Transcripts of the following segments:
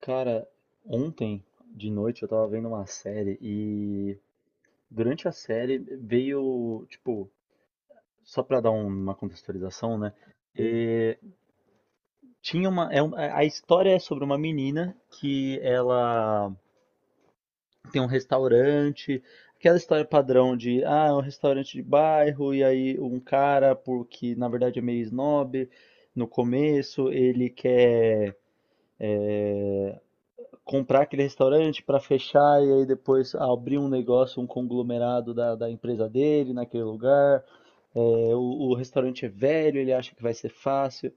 Cara, ontem de noite eu tava vendo uma série e durante a série veio, tipo, só pra dar uma contextualização, né? eh, tinha uma, a história é sobre uma menina que ela tem um restaurante, aquela história padrão de, ah, é um restaurante de bairro, e aí um cara, porque na verdade é meio snob, no começo ele quer comprar aquele restaurante para fechar e aí depois abrir um negócio, um conglomerado da empresa dele naquele lugar. É, o restaurante é velho, ele acha que vai ser fácil.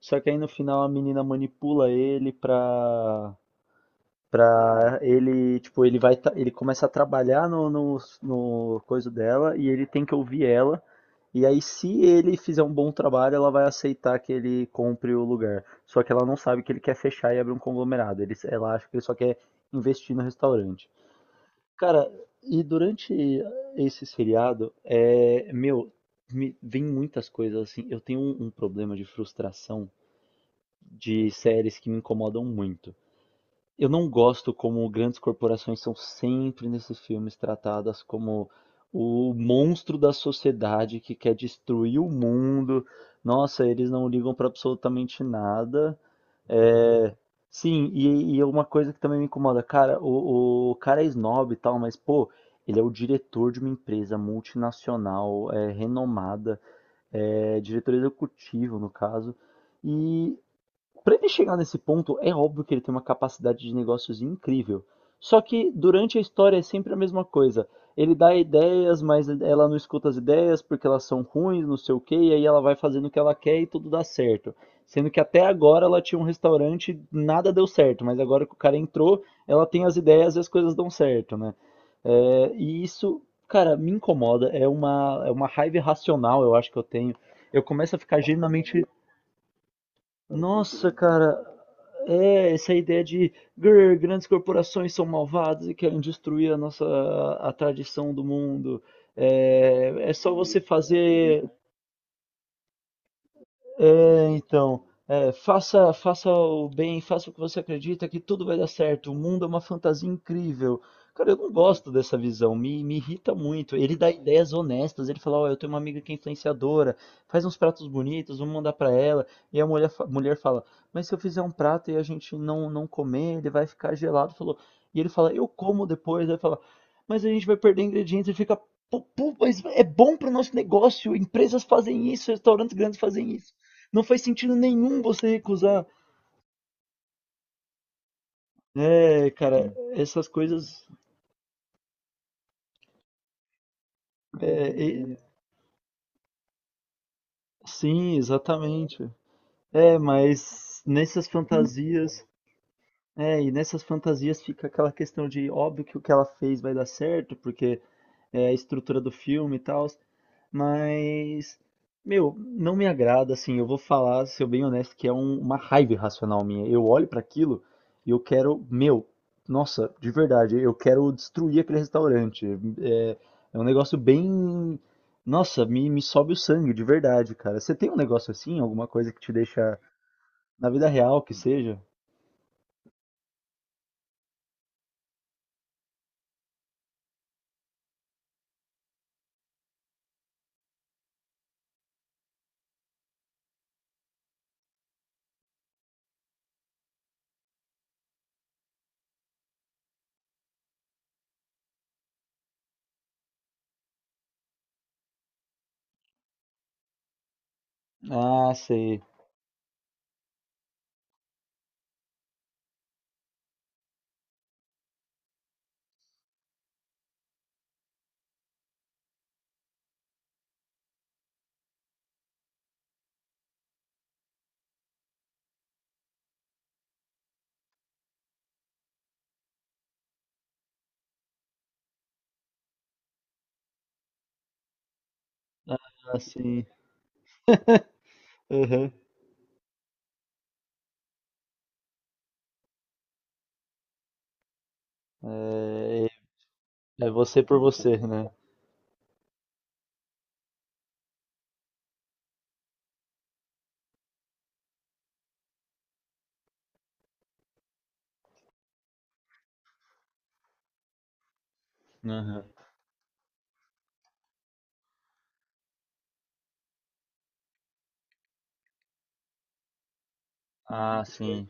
Só que aí no final a menina manipula ele para pra ele, tipo, ele vai, ele começa a trabalhar no coisa dela e ele tem que ouvir ela. E aí, se ele fizer um bom trabalho, ela vai aceitar que ele compre o lugar. Só que ela não sabe que ele quer fechar e abrir um conglomerado. Ela acha que ele só quer investir no restaurante. Cara, e durante esse seriado é, meu, me vem muitas coisas assim. Eu tenho um problema de frustração de séries que me incomodam muito. Eu não gosto como grandes corporações são sempre nesses filmes tratadas como o monstro da sociedade que quer destruir o mundo. Nossa, eles não ligam para absolutamente nada. É. Sim, e é uma coisa que também me incomoda, cara, o cara é snob e tal, mas pô, ele é o diretor de uma empresa multinacional, é, renomada, é diretor executivo no caso. E para ele chegar nesse ponto, é óbvio que ele tem uma capacidade de negócios incrível. Só que durante a história é sempre a mesma coisa. Ele dá ideias, mas ela não escuta as ideias porque elas são ruins, não sei o quê, e aí ela vai fazendo o que ela quer e tudo dá certo. Sendo que até agora ela tinha um restaurante, nada deu certo, mas agora que o cara entrou, ela tem as ideias e as coisas dão certo, né? É, e isso, cara, me incomoda. É uma raiva irracional, eu acho que eu tenho. Eu começo a ficar genuinamente, nossa, cara, é essa ideia de "Grr, grandes corporações são malvadas e querem destruir a nossa a tradição do mundo". É, é só você fazer, é, então, é, faça, faça o bem, faça o que você acredita que tudo vai dar certo. O mundo é uma fantasia incrível. Cara, eu não gosto dessa visão, me irrita muito. Ele dá ideias honestas, ele fala, ó, eu tenho uma amiga que é influenciadora, faz uns pratos bonitos, vamos mandar pra ela. E a mulher, mulher fala, mas se eu fizer um prato e a gente não comer, ele vai ficar gelado. Falou. E ele fala, eu como depois, aí fala, mas a gente vai perder ingredientes, ele fica, pô, mas é bom para nosso negócio. Empresas fazem isso, restaurantes grandes fazem isso. Não faz sentido nenhum você recusar. É, cara, essas coisas. é, e- sim, exatamente. É, mas nessas fantasias. É, e nessas fantasias fica aquela questão de óbvio que o que ela fez vai dar certo, porque é a estrutura do filme e tal. Mas, meu, não me agrada, assim, eu vou falar, ser bem honesto, que é uma raiva irracional minha. Eu olho pra aquilo e eu quero, meu, nossa, de verdade, eu quero destruir aquele restaurante. É, é um negócio bem, nossa, me sobe o sangue, de verdade, cara. Você tem um negócio assim, alguma coisa que te deixa, na vida real que seja? Ah, sei. Ah, sim. Uhum. É, é você por você, né? Uhum. Ah, sim.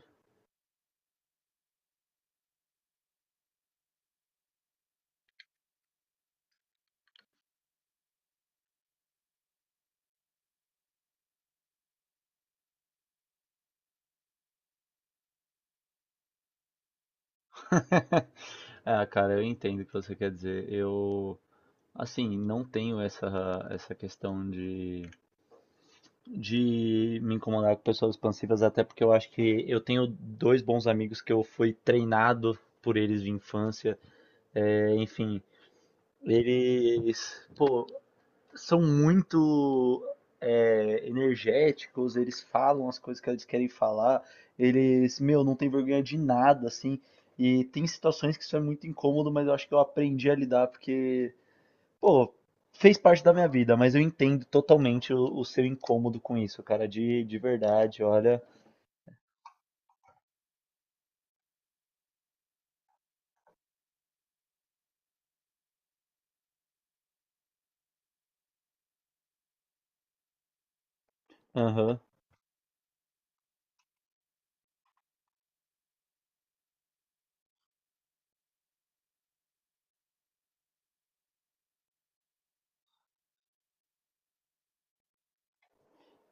Ah, cara, eu entendo o que você quer dizer. Eu, assim, não tenho essa questão de me incomodar com pessoas expansivas, até porque eu acho que eu tenho dois bons amigos que eu fui treinado por eles de infância. É, enfim, eles, pô, são muito, é, energéticos, eles falam as coisas que eles querem falar, eles, meu, não tem vergonha de nada, assim. E tem situações que isso é muito incômodo, mas eu acho que eu aprendi a lidar, porque, pô, fez parte da minha vida, mas eu entendo totalmente o seu incômodo com isso, cara, de verdade, olha. Aham.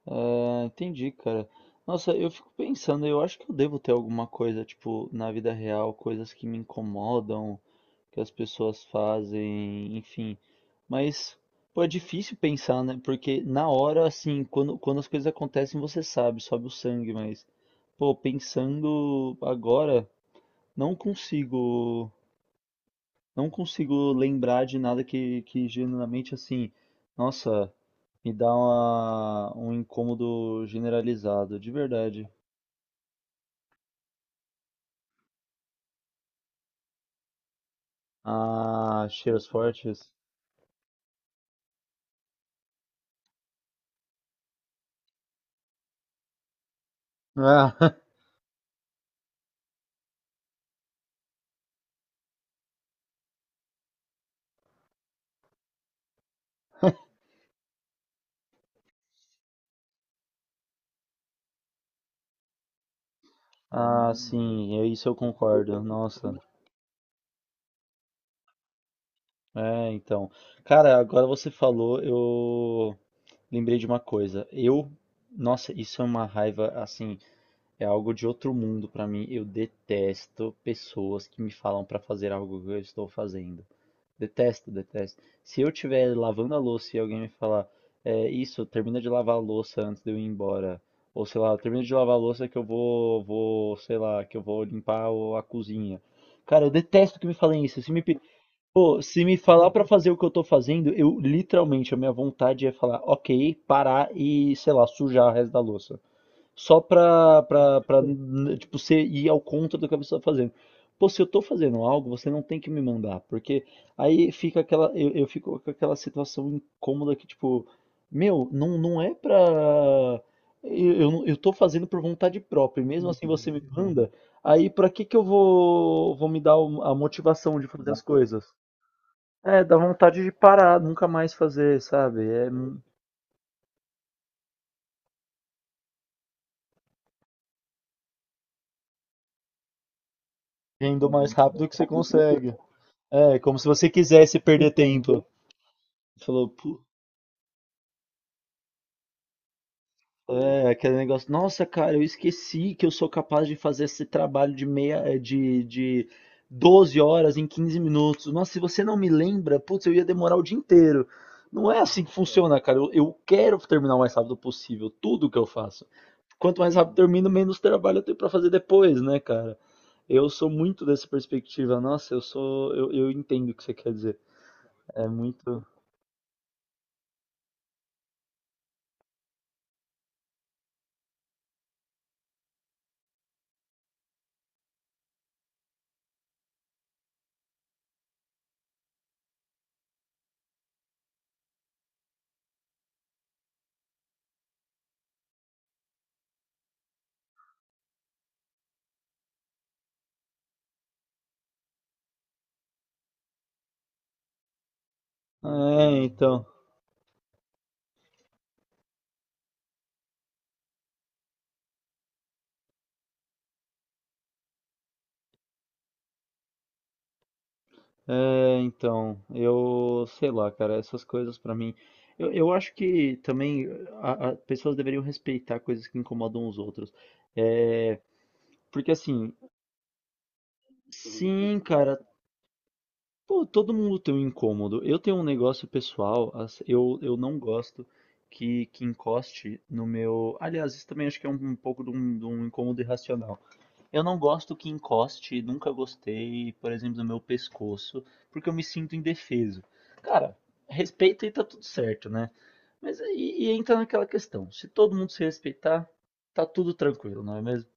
Ah, entendi, cara. Nossa, eu fico pensando, eu acho que eu devo ter alguma coisa, tipo, na vida real, coisas que me incomodam que as pessoas fazem, enfim. Mas, pô, é difícil pensar, né? Porque na hora, assim, quando as coisas acontecem, você sabe, sobe o sangue, mas, pô, pensando agora, não consigo, não consigo lembrar de nada que genuinamente, assim, nossa, me dá uma, um incômodo generalizado, de verdade. Ah, cheiros fortes. Ah, ah, sim, é isso eu concordo. Nossa. É, então. Cara, agora você falou, eu lembrei de uma coisa. Eu, nossa, isso é uma raiva, assim, é algo de outro mundo pra mim. Eu detesto pessoas que me falam pra fazer algo que eu estou fazendo. Detesto, detesto. Se eu estiver lavando a louça e alguém me falar, é isso, termina de lavar a louça antes de eu ir embora. Ou sei lá, termina de lavar a louça que eu vou, vou, sei lá, que eu vou limpar a cozinha. Cara, eu detesto que me falem isso. Se me Pô, se me falar pra fazer o que eu tô fazendo, eu literalmente, a minha vontade é falar, ok, parar e, sei lá, sujar o resto da louça. Só tipo, você ir ao contra do que a pessoa tá fazendo. Pô, se eu tô fazendo algo, você não tem que me mandar, porque aí fica aquela, eu fico com aquela situação incômoda que, tipo, meu, não é pra... eu, não- eu tô fazendo por vontade própria, e mesmo assim você me manda, aí pra que que eu vou, vou me dar a motivação de fazer as coisas? É, dá vontade de parar, nunca mais fazer, sabe? Indo mais rápido que você consegue. É, como se você quisesse perder tempo. Falou. É, aquele negócio, nossa, cara, eu esqueci que eu sou capaz de fazer esse trabalho de meia, de 12 horas em 15 minutos. Nossa, se você não me lembra, putz, eu ia demorar o dia inteiro. Não é assim que funciona, cara. Eu quero terminar o mais rápido possível, tudo que eu faço. Quanto mais rápido eu termino, menos trabalho eu tenho pra fazer depois, né, cara? Eu sou muito dessa perspectiva. Nossa, eu sou, eu entendo o que você quer dizer. É muito. É, então. É, então, eu sei lá, cara, essas coisas pra mim. Eu acho que também pessoas deveriam respeitar coisas que incomodam os outros. É, porque assim, sim, cara, pô, todo mundo tem um incômodo. Eu tenho um negócio pessoal, eu não gosto que encoste no meu. Aliás, isso também acho que é um pouco de de um incômodo irracional. Eu não gosto que encoste, nunca gostei, por exemplo, do meu pescoço, porque eu me sinto indefeso. Cara, respeita e tá tudo certo, né? Mas aí e entra naquela questão, se todo mundo se respeitar, tá tudo tranquilo, não é mesmo?